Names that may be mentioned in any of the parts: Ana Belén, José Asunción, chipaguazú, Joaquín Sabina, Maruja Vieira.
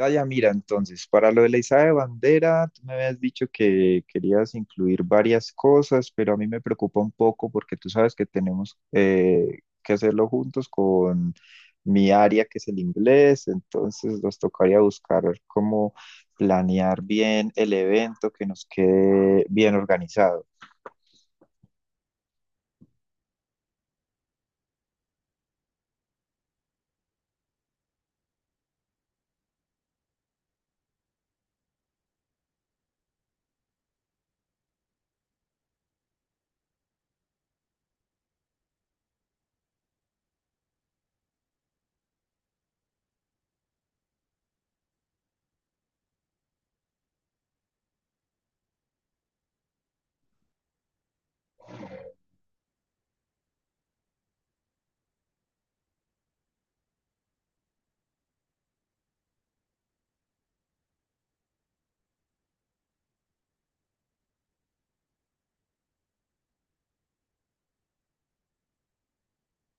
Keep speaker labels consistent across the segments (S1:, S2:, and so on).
S1: Ah, ya, mira, entonces, para lo de la izada de bandera, tú me habías dicho que querías incluir varias cosas, pero a mí me preocupa un poco porque tú sabes que tenemos que hacerlo juntos con mi área, que es el inglés, entonces nos tocaría buscar cómo planear bien el evento que nos quede bien organizado.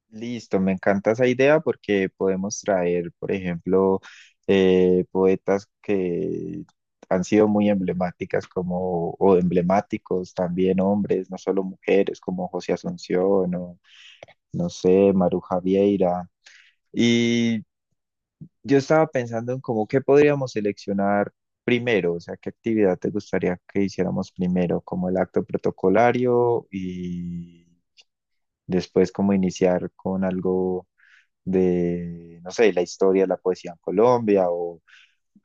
S1: Listo, me encanta esa idea porque podemos traer, por ejemplo, poetas que han sido muy emblemáticas como, o emblemáticos también hombres, no solo mujeres, como José Asunción o, no sé, Maruja Vieira. Y yo estaba pensando en cómo qué podríamos seleccionar primero, o sea, qué actividad te gustaría que hiciéramos primero, como el acto protocolario y después como iniciar con algo de, no sé, la historia de la poesía en Colombia o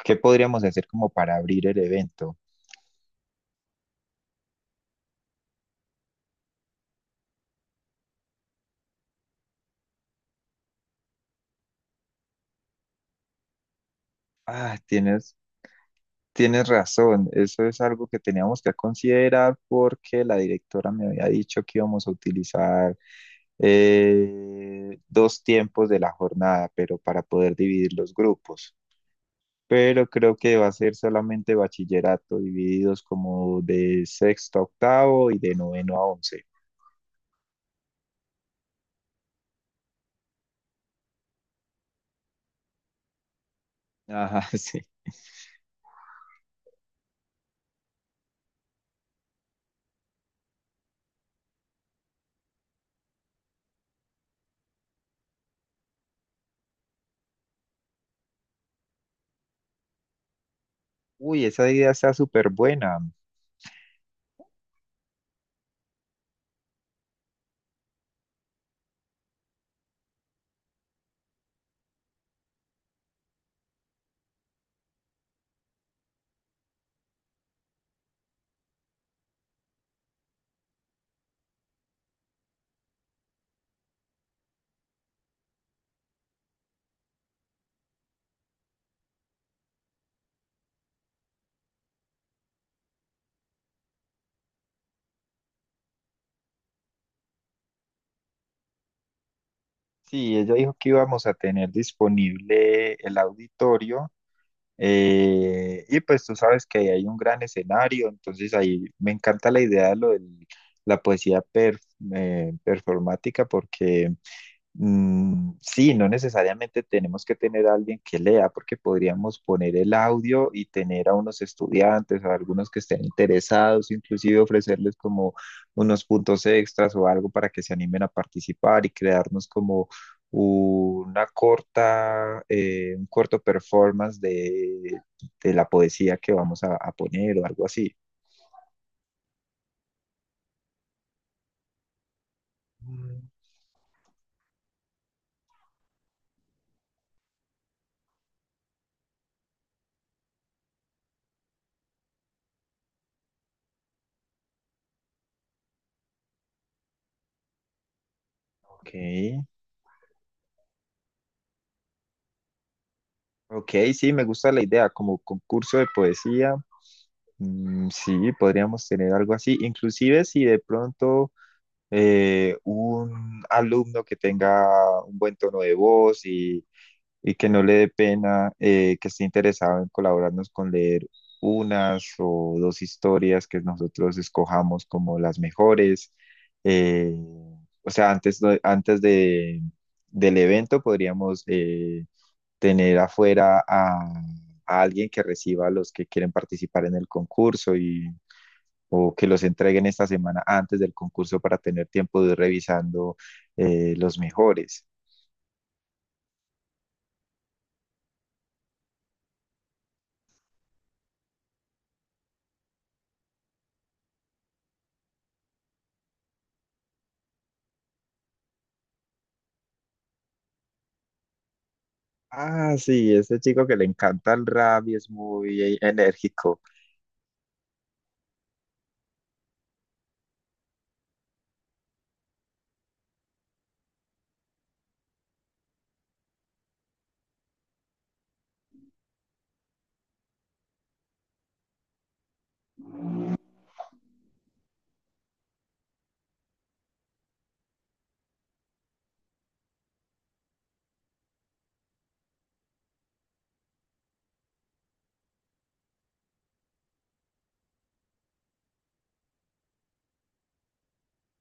S1: qué podríamos hacer como para abrir el evento. Ah, tienes razón, eso es algo que teníamos que considerar porque la directora me había dicho que íbamos a utilizar dos tiempos de la jornada, pero para poder dividir los grupos. Pero creo que va a ser solamente bachillerato, divididos como de sexto a octavo y de noveno a once. Ajá, sí. Uy, esa idea está súper buena. Sí, ella dijo que íbamos a tener disponible el auditorio y pues tú sabes que ahí hay un gran escenario, entonces ahí me encanta la idea de lo de la performática porque... Mm, sí, no necesariamente tenemos que tener a alguien que lea, porque podríamos poner el audio y tener a unos estudiantes, a algunos que estén interesados, inclusive ofrecerles como unos puntos extras o algo para que se animen a participar y crearnos como una corta, un corto performance de la poesía que vamos a poner o algo así. Mm. Ok, ok, sí, me gusta la idea, como concurso de poesía. Mm, sí, podríamos tener algo así. Inclusive si de pronto un alumno que tenga un buen tono de voz y, que no le dé pena, que esté interesado en colaborarnos con leer unas o dos historias que nosotros escojamos como las mejores. eh, o sea, antes del evento podríamos tener afuera a alguien que reciba a los que quieren participar en el concurso y o que los entreguen esta semana antes del concurso para tener tiempo de ir revisando los mejores. Ah, sí, este chico que le encanta el rap y es muy enérgico.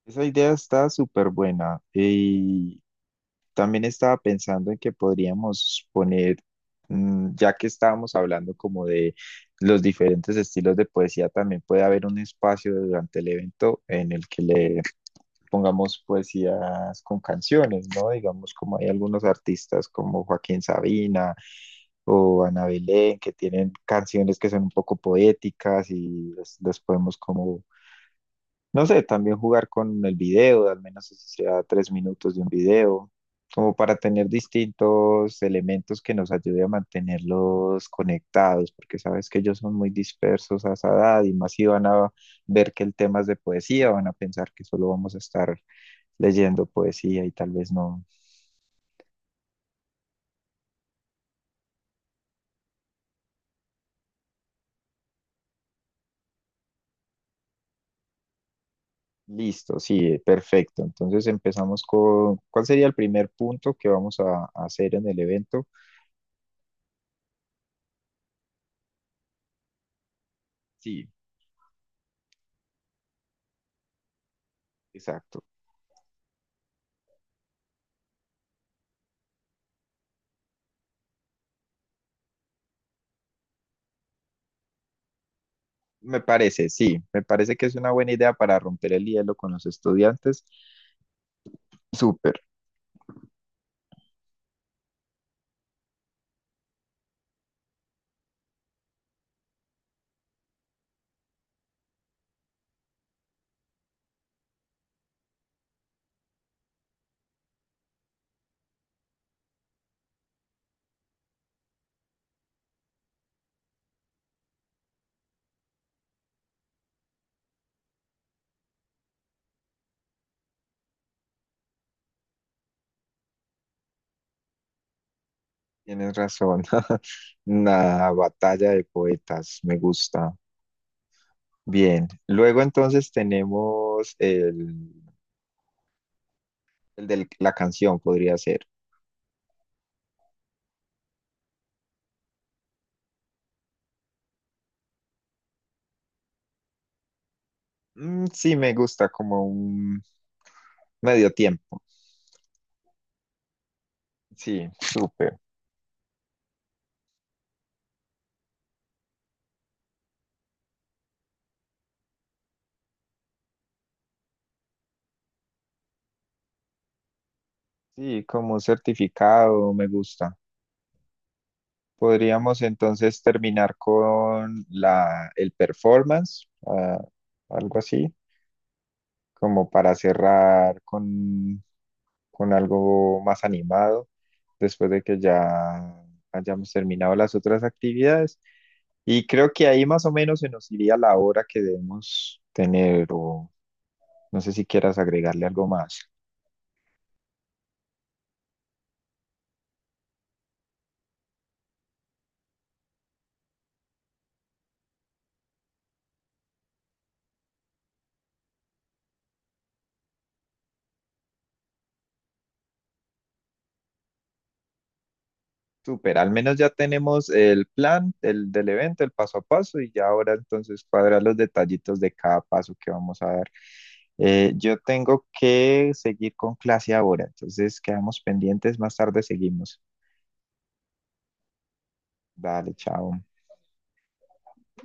S1: Esa idea está súper buena. Y también estaba pensando en que podríamos poner, mm, ya que estábamos hablando como de los diferentes estilos de poesía, también puede haber un espacio durante el evento en el que le pongamos poesías con canciones, ¿no? Digamos, como hay algunos artistas como Joaquín Sabina o Ana Belén, que tienen canciones que son un poco poéticas y las podemos como, no sé, también jugar con el video, al menos si sea 3 minutos de un video, como para tener distintos elementos que nos ayude a mantenerlos conectados, porque sabes que ellos son muy dispersos a esa edad y más si van a ver que el tema es de poesía, van a pensar que solo vamos a estar leyendo poesía y tal vez no. Listo, sí, perfecto. Entonces empezamos con, ¿cuál sería el primer punto que vamos a hacer en el evento? Sí, exacto. Me parece, sí, me parece que es una buena idea para romper el hielo con los estudiantes. Súper, tienes razón. Una batalla de poetas, me gusta. Bien, luego entonces tenemos el de la canción, podría ser. Mm, sí, me gusta como un medio tiempo. Sí, súper. Sí, como un certificado, me gusta. Podríamos entonces terminar con el performance, ah, algo así, como para cerrar con algo más animado, después de que ya hayamos terminado las otras actividades. Y creo que ahí más o menos se nos iría la hora que debemos tener, o no sé si quieras agregarle algo más. Súper, al menos ya tenemos el plan del evento, el paso a paso, y ya ahora entonces cuadrar los detallitos de cada paso que vamos a dar. Yo tengo que seguir con clase ahora, entonces quedamos pendientes, más tarde seguimos. Dale, chao.